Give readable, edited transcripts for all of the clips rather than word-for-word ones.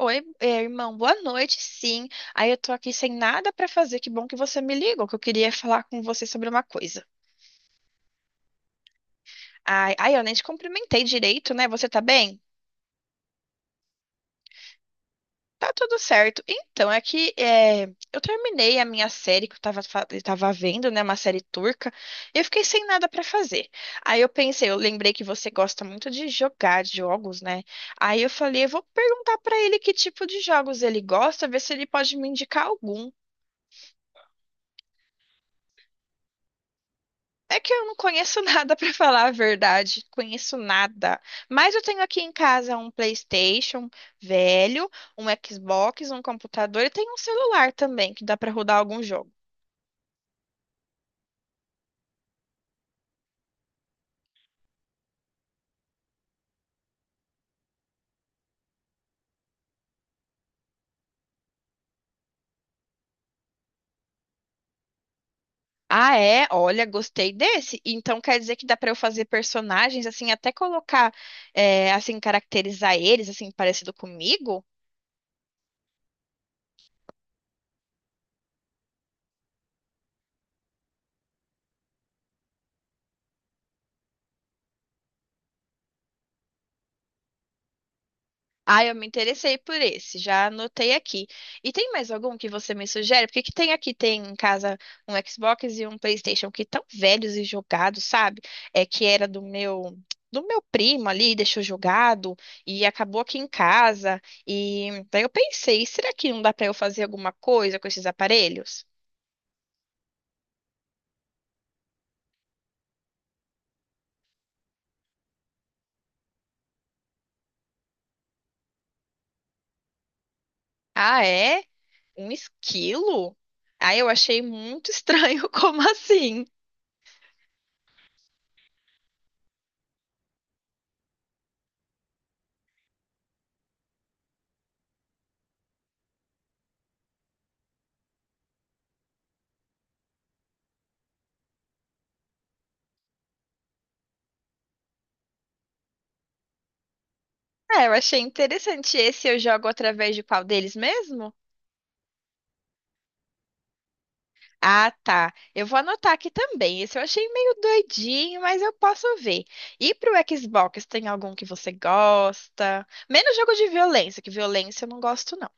Oi, irmão, boa noite, sim. Aí eu tô aqui sem nada pra fazer. Que bom que você me ligou, que eu queria falar com você sobre uma coisa. Ai, ai, eu nem te cumprimentei direito, né? Você tá bem? Tá tudo certo. Então, é que é, eu terminei a minha série que eu tava vendo, né? Uma série turca, e eu fiquei sem nada pra fazer. Aí eu pensei, eu lembrei que você gosta muito de jogar jogos, né? Aí eu falei, eu vou perguntar pra ele que tipo de jogos ele gosta, ver se ele pode me indicar algum. É que eu não conheço nada pra falar a verdade, conheço nada. Mas eu tenho aqui em casa um PlayStation velho, um Xbox, um computador e tem um celular também que dá pra rodar algum jogo. Ah, é? Olha, gostei desse. Então quer dizer que dá pra eu fazer personagens assim, até colocar, é, assim, caracterizar eles assim parecido comigo? Ah, eu me interessei por esse, já anotei aqui. E tem mais algum que você me sugere? Porque que tem aqui, tem em casa um Xbox e um PlayStation que tão velhos e jogados, sabe? É que era do meu primo ali, deixou jogado e acabou aqui em casa. E daí eu pensei, será que não dá para eu fazer alguma coisa com esses aparelhos? Ah, é? Um esquilo? Ah, eu achei muito estranho, como assim? É, eu achei interessante. Esse eu jogo através de qual deles mesmo? Ah, tá. Eu vou anotar aqui também. Esse eu achei meio doidinho, mas eu posso ver. E pro Xbox, tem algum que você gosta? Menos jogo de violência, que violência eu não gosto, não.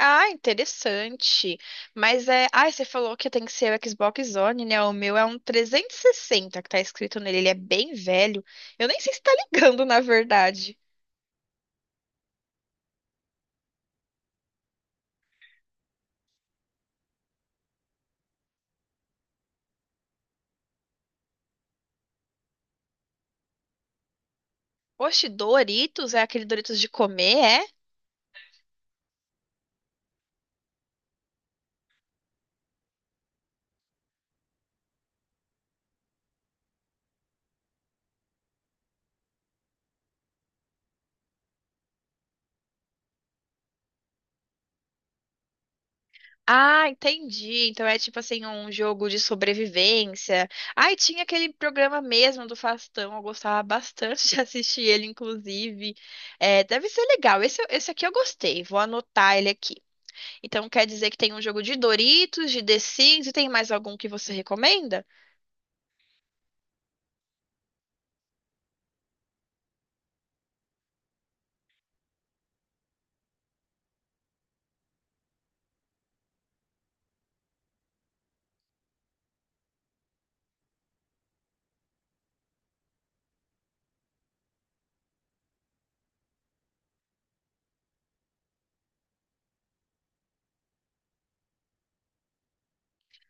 Ah, interessante. Mas é. Ah, você falou que tem que ser o Xbox One, né? O meu é um 360 que tá escrito nele. Ele é bem velho. Eu nem sei se tá ligando, na verdade. Oxe, Doritos? É aquele Doritos de comer, é? Ah, entendi. Então é tipo assim, um jogo de sobrevivência. Ai, tinha aquele programa mesmo do Faustão, eu gostava bastante de assistir ele, inclusive. É, deve ser legal. Esse aqui eu gostei, vou anotar ele aqui. Então quer dizer que tem um jogo de Doritos, de The Sims, e tem mais algum que você recomenda?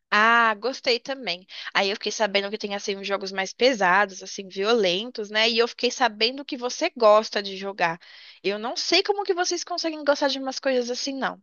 Ah, gostei também. Aí eu fiquei sabendo que tem assim uns jogos mais pesados, assim, violentos, né? E eu fiquei sabendo que você gosta de jogar. Eu não sei como que vocês conseguem gostar de umas coisas assim, não.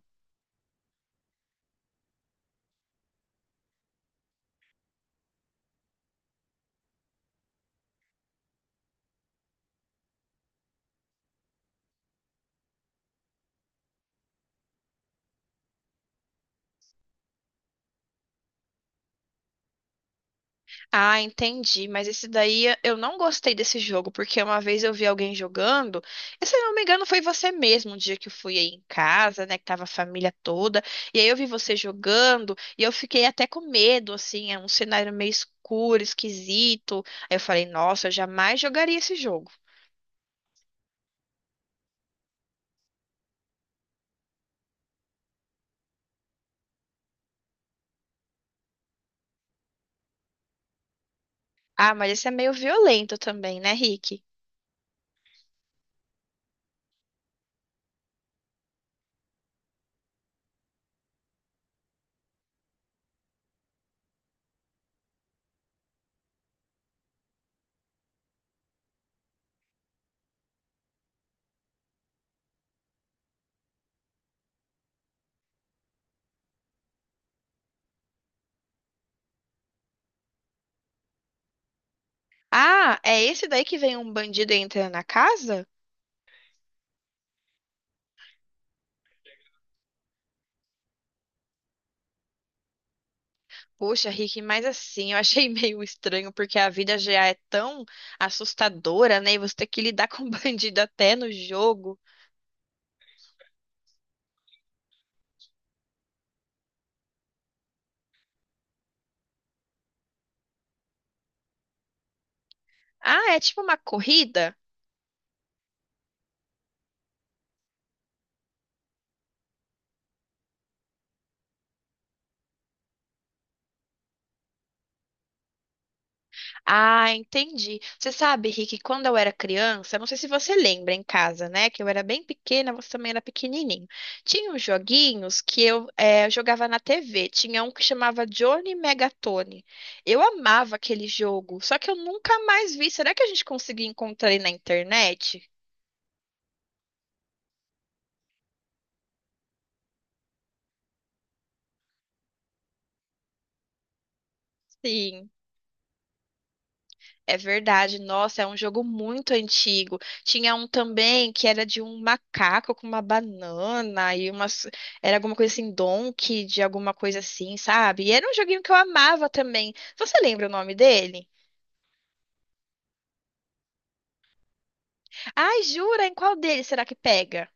Ah, entendi. Mas esse daí eu não gostei desse jogo, porque uma vez eu vi alguém jogando, e se eu não me engano foi você mesmo, um dia que eu fui aí em casa, né, que tava a família toda, e aí eu vi você jogando, e eu fiquei até com medo, assim, é um cenário meio escuro, esquisito. Aí eu falei, nossa, eu jamais jogaria esse jogo. Ah, mas esse é meio violento também, né, Rick? Ah, é esse daí que vem um bandido e entra na casa? Poxa, Rick, mas assim, eu achei meio estranho, porque a vida já é tão assustadora, né? E você tem que lidar com bandido até no jogo. Ah, é tipo uma corrida? Ah, entendi. Você sabe, Rick, quando eu era criança, não sei se você lembra em casa, né? Que eu era bem pequena, você também era pequenininho. Tinha uns joguinhos que eu jogava na TV. Tinha um que chamava Johnny Megatone. Eu amava aquele jogo, só que eu nunca mais vi. Será que a gente conseguiu encontrar ele na internet? Sim. É verdade, nossa, é um jogo muito antigo. Tinha um também que era de um macaco com uma banana e umas. Era alguma coisa assim, Donkey, de alguma coisa assim, sabe? E era um joguinho que eu amava também. Você lembra o nome dele? Ai, jura? Em qual dele será que pega?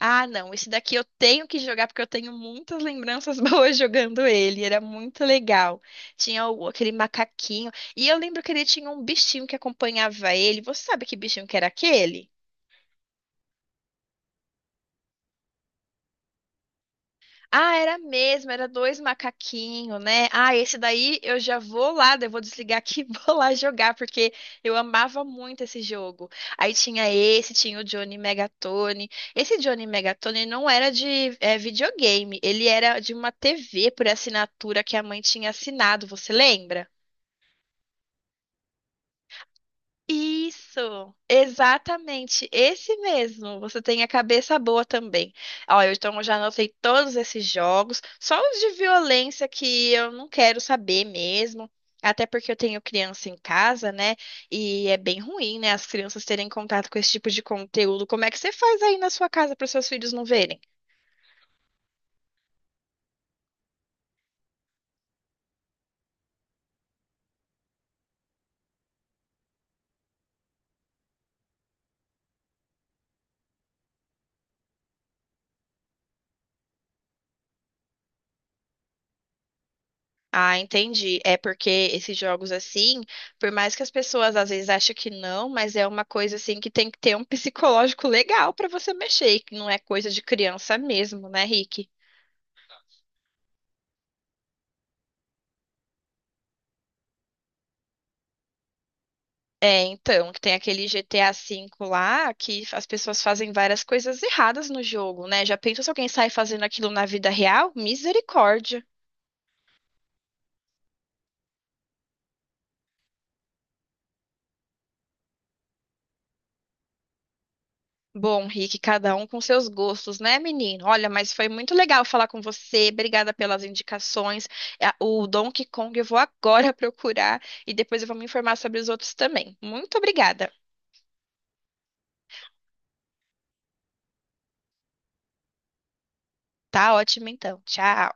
Ah, não, esse daqui eu tenho que jogar porque eu tenho muitas lembranças boas jogando ele. Era muito legal. Tinha aquele macaquinho. E eu lembro que ele tinha um bichinho que acompanhava ele. Você sabe que bichinho que era aquele? Ah, era mesmo, era dois macaquinhos, né? Ah, esse daí eu já vou lá, daí eu vou desligar aqui e vou lá jogar, porque eu amava muito esse jogo. Aí tinha esse, tinha o Johnny Megatone. Esse Johnny Megatone não era de videogame, ele era de uma TV por assinatura que a mãe tinha assinado, você lembra? Isso, exatamente, esse mesmo. Você tem a cabeça boa também. Ó, eu, então eu já anotei todos esses jogos, só os de violência que eu não quero saber mesmo. Até porque eu tenho criança em casa, né? E é bem ruim, né? As crianças terem contato com esse tipo de conteúdo. Como é que você faz aí na sua casa para os seus filhos não verem? Ah, entendi. É porque esses jogos assim, por mais que as pessoas às vezes achem que não, mas é uma coisa assim que tem que ter um psicológico legal pra você mexer, que não é coisa de criança mesmo, né, Rick? É, então, que tem aquele GTA V lá que as pessoas fazem várias coisas erradas no jogo, né? Já pensou se alguém sai fazendo aquilo na vida real? Misericórdia. Bom, Rick, cada um com seus gostos, né, menino? Olha, mas foi muito legal falar com você. Obrigada pelas indicações. É, O Donkey Kong eu vou agora procurar e depois eu vou me informar sobre os outros também. Muito obrigada. Tá ótimo, então. Tchau.